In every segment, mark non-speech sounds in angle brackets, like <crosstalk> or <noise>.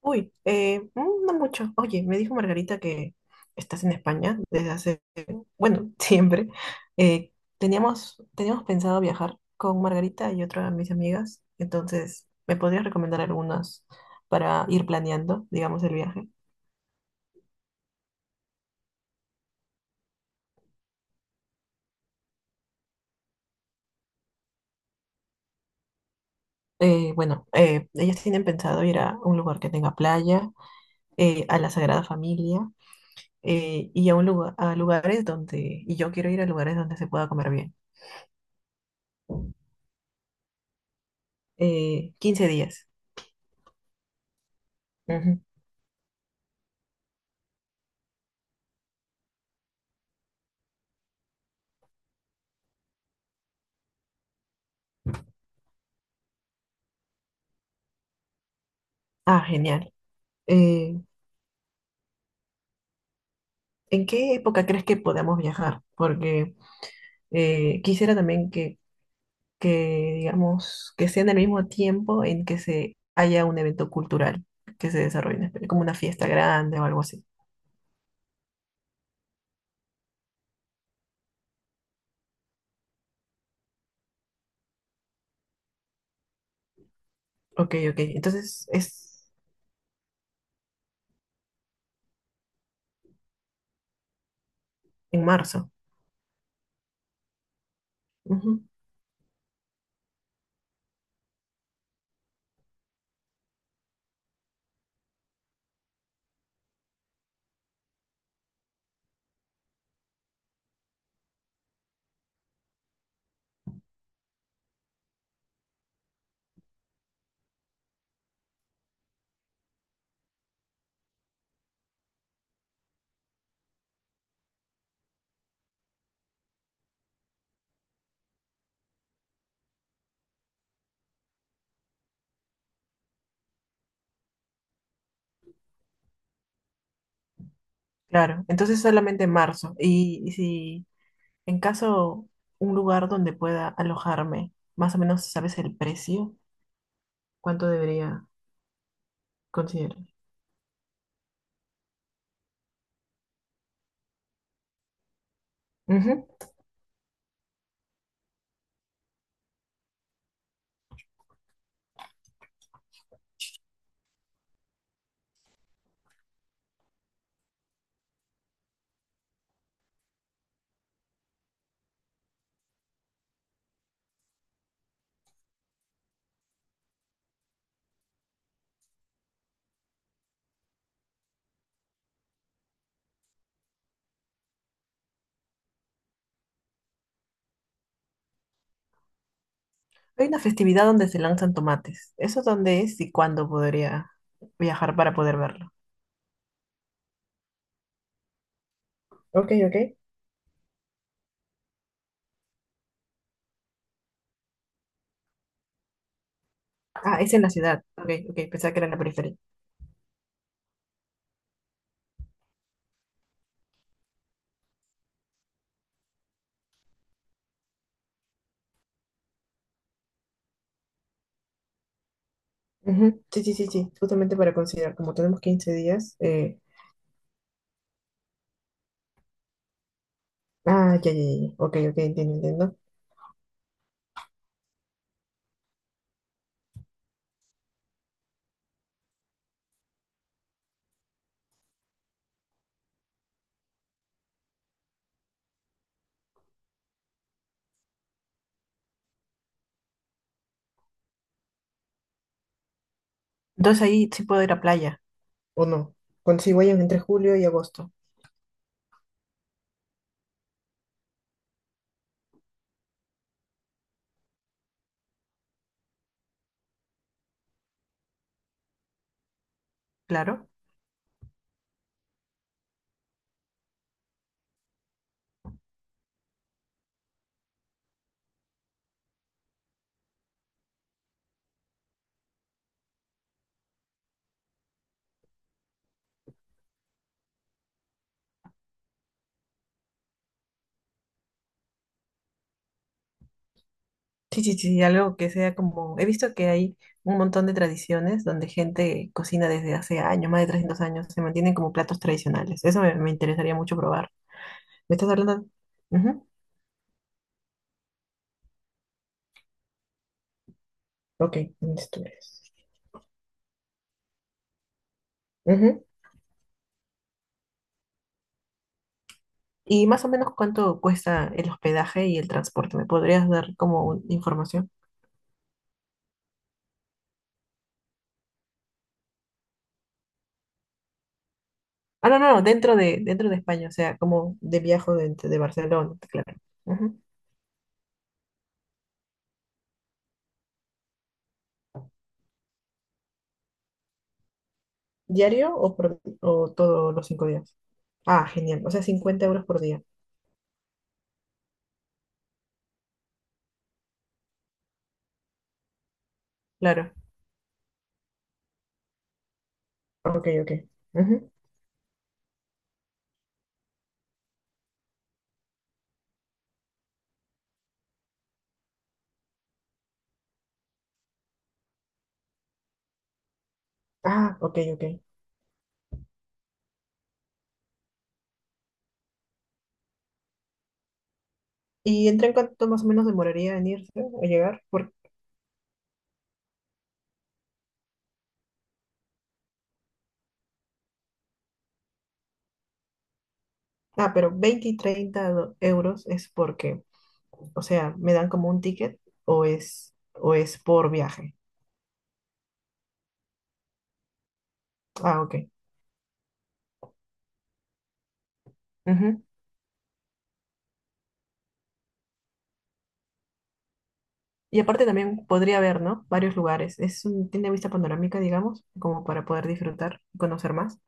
No mucho. Oye, me dijo Margarita que estás en España desde hace, bueno, <laughs> siempre. Eh, teníamos pensado viajar con Margarita y otra de mis amigas, entonces, ¿me podrías recomendar algunas para ir planeando, digamos, el viaje? Bueno, Ellas tienen pensado ir a un lugar que tenga playa, a la Sagrada Familia a lugares y yo quiero ir a lugares donde se pueda comer bien. 15 días. Ujú. Ah, genial. Eh, ¿En qué época crees que podamos viajar? Porque quisiera también que, digamos, que sea en el mismo tiempo en que se haya un evento cultural que se desarrolle, como una fiesta grande o algo así. Ok, ok. Entonces es en marzo. Ujú. Claro, entonces solamente en marzo. Y si En caso, Un lugar donde pueda alojarme, más o menos sabes el precio, cuánto debería considerar. Ujú. Hay una festividad donde se lanzan tomates. ¿Eso dónde es y cuándo podría viajar para poder verlo? Ok, ok. Ah, es en la ciudad. Ok, ok, pensaba que era en la periferia. Ujú. Sí, sí, sí, sí, justamente para considerar, como tenemos 15 días, ah, ya, ya, ya, ya, ok, ok, entiendo, entiendo. Entonces ahí sí puedo ir a playa, o no, con si voy entre julio y agosto, claro. Sí, sí, sí, algo que sea como... He visto que hay un montón de tradiciones donde gente cocina desde hace años, más de 300 años, se mantienen como platos tradicionales. Eso me interesaría mucho probar. ¿Me estás hablando? Ujú. Ok, entonces tú eres. Ujú. ¿Y más o menos cuánto cuesta el hospedaje y el transporte? ¿Me podrías dar como información? Ah, no, no, no, dentro de España, o sea, como de viaje de Barcelona, claro. Ujú. ¿Diario o, o todos los cinco días? Ah, genial, o sea, 50 euros por día, claro. Ok, ok. Ujú. Ah, ok, ok. ¿Y en tren cuánto más o menos demoraría en irse o llegar? Por... Ah, pero 20 y 30 euros es porque, o sea, me dan como un ticket o es por viaje. Ah, ok. Ujú. Y aparte también podría ver, ¿no? Varios lugares. Es un, tiene vista panorámica, digamos, como para poder disfrutar y conocer más.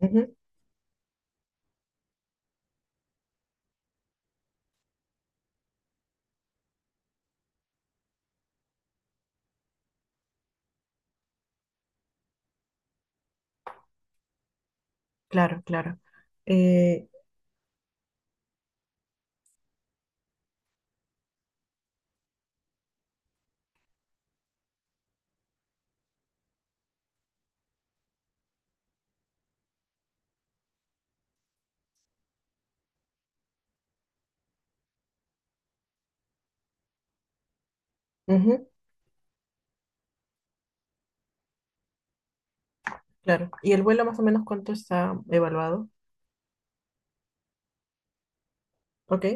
Ujú. Claro, claro. Eh, ujú. Claro. ¿Y el vuelo más o menos cuánto está evaluado? Ok,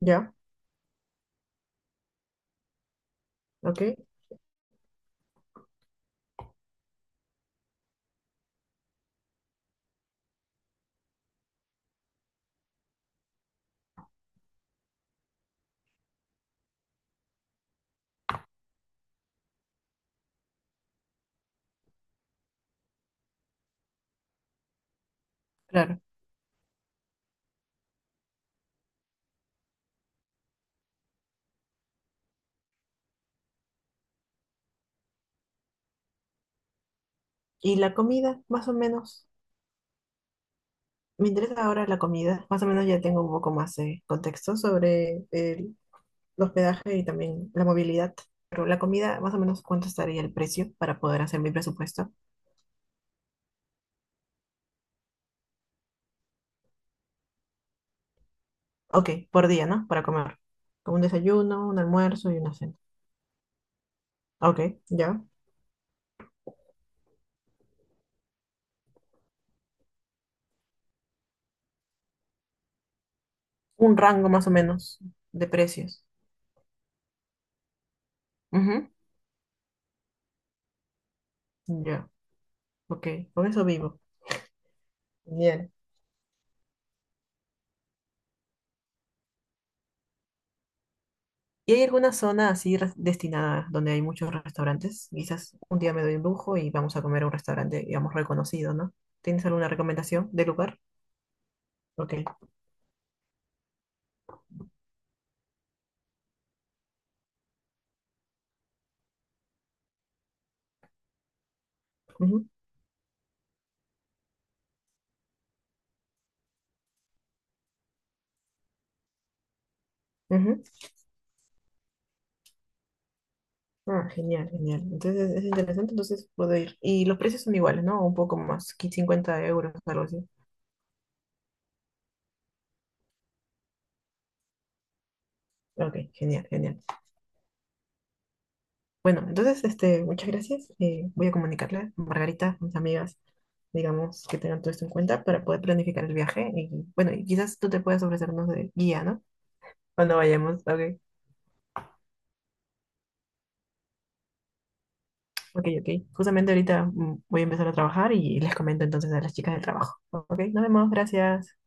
ya, ok, claro. Y la comida, más o menos. Me interesa ahora la comida. Más o menos ya tengo un poco más de contexto sobre el hospedaje y también la movilidad. Pero la comida, más o menos, ¿cuánto estaría el precio para poder hacer mi presupuesto? Ok, por día, ¿no? Para comer. Como un desayuno, un almuerzo y una cena. Ok, ya. Un rango más o menos de precios. Ujú, ya, ok. Con eso vivo. Bien. ¿Y hay alguna zona así destinada donde hay muchos restaurantes? Quizás un día me doy un lujo y vamos a comer a un restaurante, digamos, reconocido, ¿no? ¿Tienes alguna recomendación de lugar? Ok. Ujú, ujú. Ah, genial, genial. Entonces es interesante, entonces puedo ir. Y los precios son iguales, ¿no? Un poco más, 50 euros, algo así. Ok, genial, genial. Bueno, entonces, este, muchas gracias. Voy a comunicarle a Margarita, mis amigas, digamos, que tengan todo esto en cuenta para poder planificar el viaje. Y bueno, y quizás tú te puedas ofrecernos de guía, ¿no? Cuando vayamos, ok, ok, ok. Justamente ahorita voy a empezar a trabajar y les comento entonces a las chicas del trabajo. Ok, nos vemos, gracias.